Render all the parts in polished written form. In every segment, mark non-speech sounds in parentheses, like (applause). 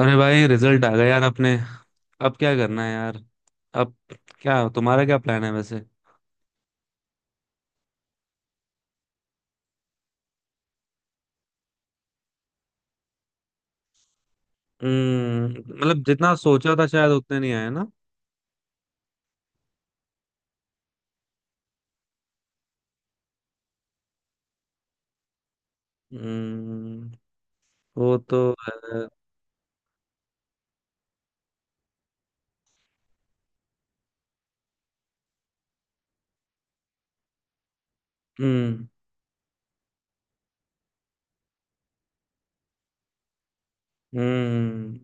अरे भाई, रिजल्ट आ गया यार अपने। अब क्या करना है यार। अब क्या तुम्हारा क्या प्लान है वैसे। हम्म। मतलब जितना सोचा था शायद उतने नहीं आए ना। हम्म। वो तो है। हम्म। हम्म।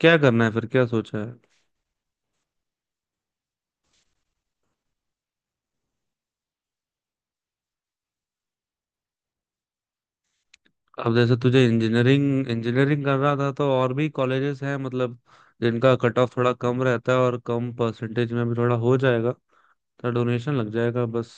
क्या करना है फिर, क्या सोचा है? अब जैसे तुझे इंजीनियरिंग, इंजीनियरिंग कर रहा था तो और भी कॉलेजेस हैं, मतलब जिनका कट ऑफ थोड़ा कम रहता है और कम परसेंटेज में भी थोड़ा हो जाएगा। तो डोनेशन लग जाएगा बस।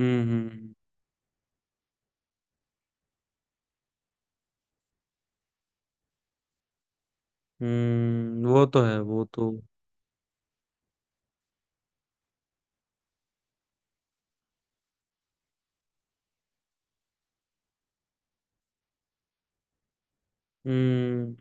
हम्म। हम्म। वो तो है वो तो। हम्म।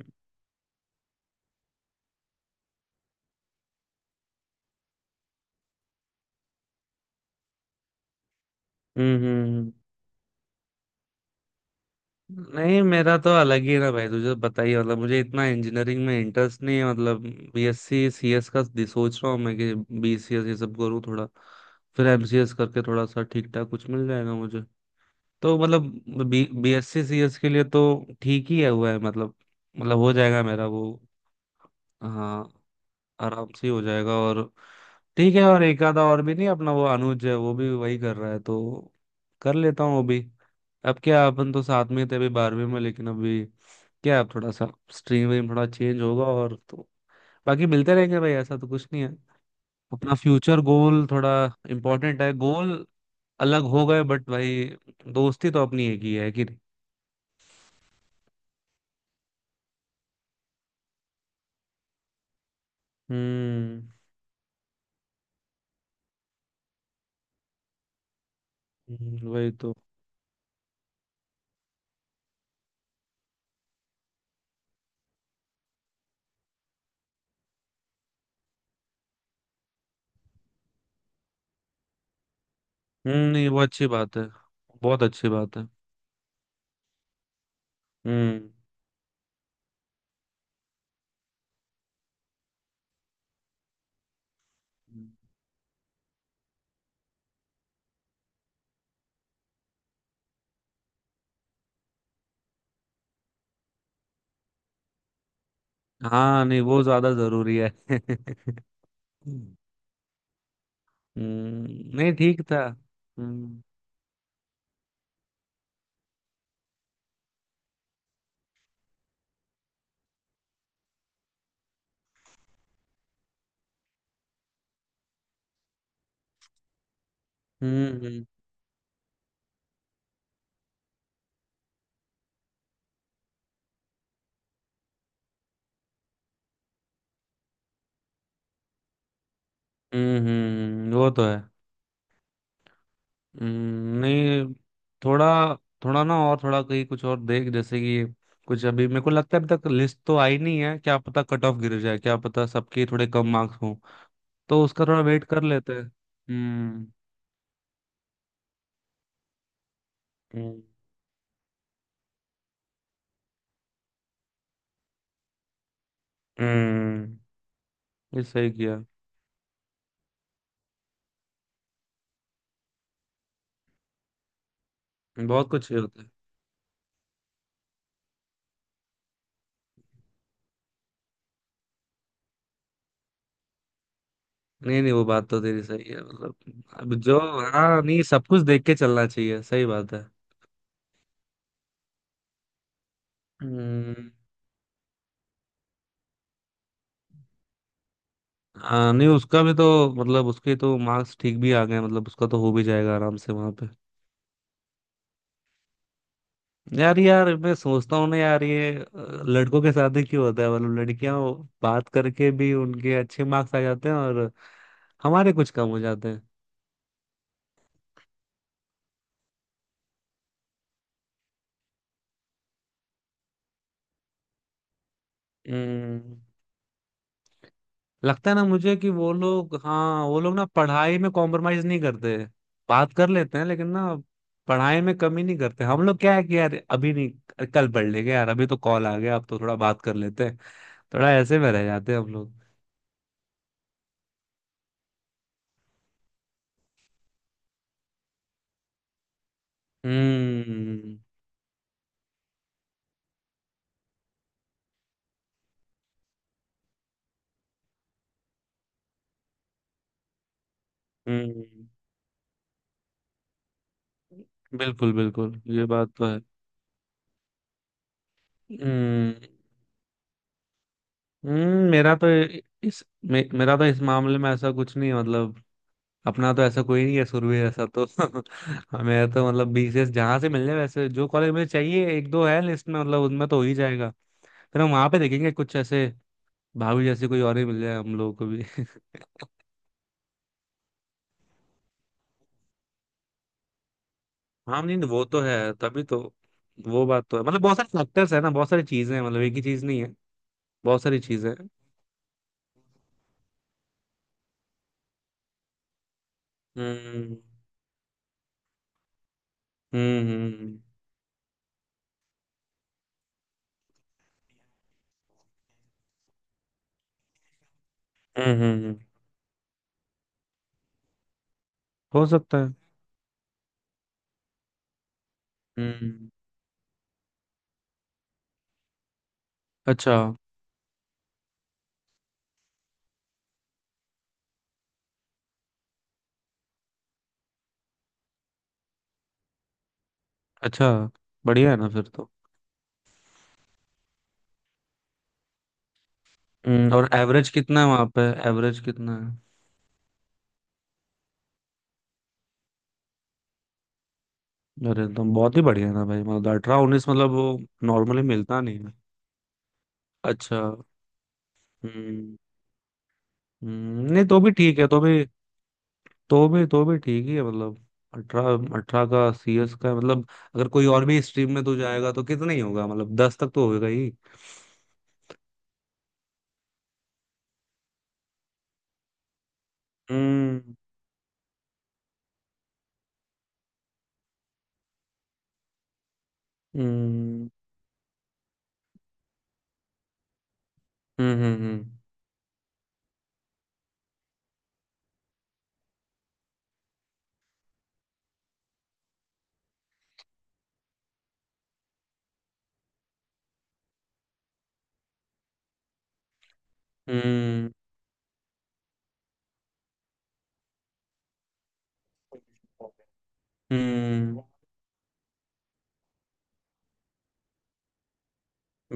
हम्म। हम्म। नहीं, मेरा तो अलग ही है ना भाई, तुझे बताइए मतलब मुझे इतना इंजीनियरिंग में इंटरेस्ट नहीं है मतलब। बीएससी सीएस का सोच रहा हूँ मैं कि बीसीएस ये सब करूँ थोड़ा। फिर एमसीएस करके थोड़ा सा ठीक ठाक कुछ मिल जाएगा मुझे। तो मतलब बी बीएससी सीएस के लिए तो ठीक ही है, हुआ है मतलब। मतलब हो जाएगा मेरा वो। हाँ। आराम से ही हो जाएगा। और ठीक है, और एक आधा और भी नहीं अपना वो अनुज है, वो भी वही कर रहा है तो कर लेता हूँ वो भी। अब क्या, अपन तो साथ में थे अभी 12वीं में, लेकिन अभी क्या अब थोड़ा सा स्ट्रीम वीम थोड़ा चेंज होगा और तो बाकी मिलते रहेंगे भाई, ऐसा तो कुछ नहीं है। अपना फ्यूचर गोल थोड़ा इम्पोर्टेंट है। गोल अलग हो गए बट भाई, दोस्ती तो अपनी एक ही है, कि नहीं? हम्म। वही तो। हम्म, नहीं वो अच्छी बात है। बहुत अच्छी बात है। हम्म। हाँ नहीं, वो ज्यादा जरूरी है। (laughs) हम्म, नहीं ठीक था। हम्म। हम्म। हम्म। वो तो है। नहीं थोड़ा थोड़ा ना, और थोड़ा कहीं कुछ और देख जैसे कि कुछ। अभी मेरे को लगता है अभी तक लिस्ट तो आई नहीं है, क्या पता कट ऑफ गिर जाए, क्या पता सबके थोड़े कम मार्क्स हों। तो उसका थोड़ा वेट कर लेते हैं। हम्म। हम्म। हम्म, ये सही किया। बहुत कुछ ये होता है। नहीं नहीं, वो बात तो तेरी सही है मतलब। अब जो, हाँ नहीं, सब कुछ देख के चलना चाहिए, सही बात है। हम्म। हाँ नहीं, उसका भी तो, मतलब उसके तो मार्क्स ठीक भी आ गए, मतलब उसका तो हो भी जाएगा आराम से वहां पे। यार यार, मैं सोचता हूँ ना यार ये लड़कों के साथ ही क्यों होता है? मतलब लड़कियां बात करके भी उनके अच्छे मार्क्स आ जाते हैं, और हमारे कुछ कम हो जाते हैं। हम्म। लगता है ना मुझे कि वो लोग, हाँ वो लोग ना पढ़ाई में कॉम्प्रोमाइज नहीं करते, बात कर लेते हैं लेकिन ना पढ़ाई में कमी नहीं करते। हम लोग क्या है कि यार, अभी नहीं कल पढ़ लेंगे यार, अभी तो कॉल आ गया, अब तो थोड़ा बात कर लेते हैं। थोड़ा ऐसे में रह जाते हैं हम लोग। हम्म। हम्म, बिल्कुल बिल्कुल, ये बात तो है। हम्म। हम्म। मेरा तो मेरा तो इस मामले में ऐसा कुछ नहीं है, मतलब अपना तो ऐसा कोई नहीं है, सुरभि ऐसा तो। (laughs) मेरा तो मतलब बीसीएस जहां से मिल जाए, वैसे जो कॉलेज मुझे चाहिए एक दो है लिस्ट में, मतलब उनमें तो हो ही जाएगा। फिर हम वहां पे देखेंगे कुछ ऐसे, भाभी जैसे कोई और ही मिल जाए हम लोगों को भी। (laughs) हाँ नहीं वो तो है, तभी तो, वो बात तो है मतलब, बहुत सारे फैक्टर्स है ना, बहुत सारी चीजें हैं, मतलब एक ही चीज नहीं है, बहुत सारी चीजें हैं। हम्म। हम्म। हम्म। हम्म। हो सकता है। हम्म, अच्छा। अच्छा, बढ़िया है ना फिर तो। हम्म, और एवरेज कितना है वहां पे? एवरेज कितना है? अरे एकदम बहुत ही बढ़िया था भाई, मतलब 18-19, मतलब वो नॉर्मली मिलता नहीं है। अच्छा। हम्म। नहीं तो भी ठीक है, तो भी तो भी, तो भी ठीक ही है मतलब। अठारह अठारह का सीएस का मतलब, अगर कोई और भी स्ट्रीम में तो जाएगा तो कितना ही होगा? मतलब 10 तक तो होगा ही। हम्म। हम्म। हम्म। हम्म। हम्म। हम्म, हम्म,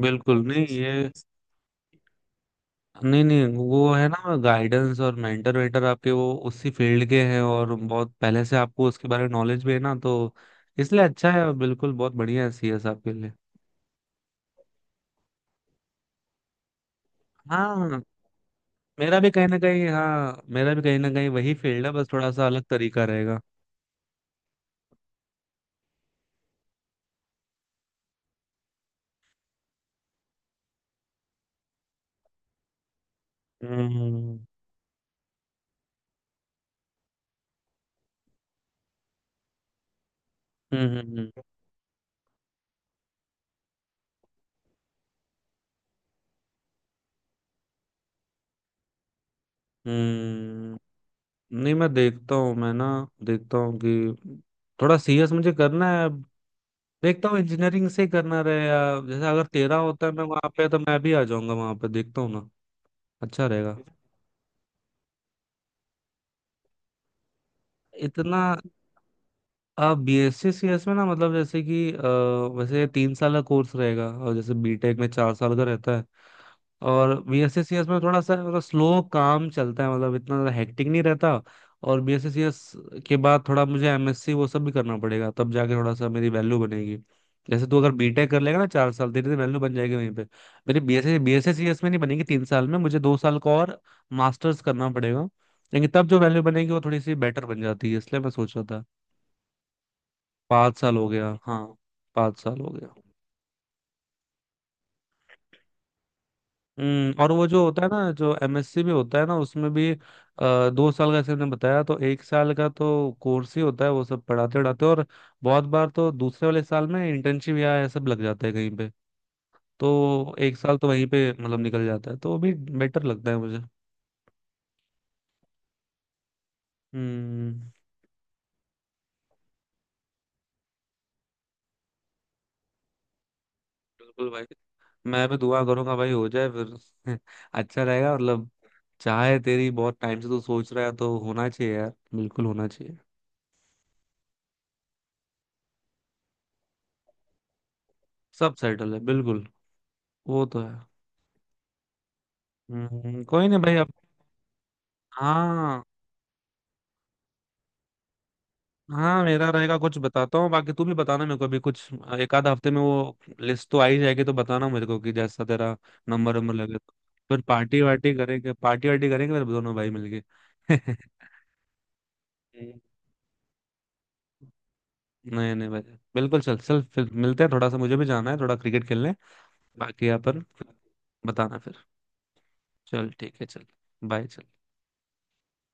बिल्कुल नहीं ये। नहीं नहीं, वो है ना गाइडेंस और मेंटर वेंटर आपके, वो उसी फील्ड के हैं और बहुत पहले से आपको उसके बारे में नॉलेज भी है ना, तो इसलिए अच्छा है और बिल्कुल बहुत बढ़िया है सीएस आपके लिए। हाँ मेरा भी कहीं ना कहीं, हाँ मेरा भी कहीं ना कहीं वही फील्ड है, बस थोड़ा सा अलग तरीका रहेगा। हम्म। हम्म। हम्म। हम्म। नहीं मैं देखता हूँ, मैं ना देखता हूँ कि थोड़ा सीएस मुझे करना है अब, देखता हूँ इंजीनियरिंग से करना रहे, या जैसे अगर तेरा होता है मैं वहां पे तो मैं भी आ जाऊंगा वहां पे, देखता हूँ ना। अच्छा रहेगा, ठीक है इतना। अब बीएससी सीएस में ना, मतलब जैसे कि वैसे 3 साल का कोर्स रहेगा, और जैसे बीटेक में 4 साल का रहता है। और बीएससी सीएस में थोड़ा सा मतलब स्लो काम चलता है, मतलब इतना ज़्यादा हेक्टिक नहीं रहता। और बीएससी सीएस के बाद थोड़ा मुझे एमएससी वो सब भी करना पड़ेगा, तब जाके थोड़ा सा मेरी वैल्यू बनेगी। जैसे तू अगर बीटेक कर लेगा ना 4 साल, तेरी तो वैल्यू बन जाएगी वहीं पे। मेरी बीएससी बीएससी सीएस में नहीं बनेगी 3 साल में, मुझे 2 साल का और मास्टर्स करना पड़ेगा। लेकिन तब जो वैल्यू बनेगी वो थोड़ी सी बेटर बन जाती है, इसलिए मैं सोच रहा था। 5 साल हो गया, हाँ। 5 साल हो गया। हम्म, और वो जो होता है ना, जो एमएससी में होता है ना, उसमें भी 2 साल का जैसे हमने बताया, तो 1 साल का तो कोर्स ही होता है वो सब, पढ़ाते पढ़ाते, और बहुत बार तो दूसरे वाले साल में इंटर्नशिप या ये सब लग जाता है कहीं पे। तो 1 साल तो वहीं पे मतलब निकल जाता है, तो वो भी बेटर लगता है मुझे। हम्म। बिल्कुल भाई, मैं भी दुआ करूंगा भाई हो जाए फिर। (laughs) अच्छा रहेगा मतलब। चाहे तेरी बहुत टाइम से तू सोच रहा है तो होना चाहिए यार, बिल्कुल होना चाहिए। सब सेटल है बिल्कुल। वो तो है। कोई नहीं भाई अब। हाँ। हाँ मेरा रहेगा, कुछ बताता हूँ, बाकी तू भी बताना, मेरे को भी कुछ एक आध हफ्ते में वो लिस्ट तो आ ही जाएगी, तो बताना मेरे को कि जैसा तेरा नंबर नंबर लगे तो। फिर पार्टी वार्टी करेंगे, पार्टी वार्टी करेंगे फिर दोनों भाई मिलके। (laughs) नहीं नहीं भाई, बिल्कुल। चल चल, फिर मिलते हैं, थोड़ा सा मुझे भी जाना है, थोड़ा क्रिकेट खेलने। बाकी यहाँ पर बताना फिर। चल ठीक है। चल, बाय। चल।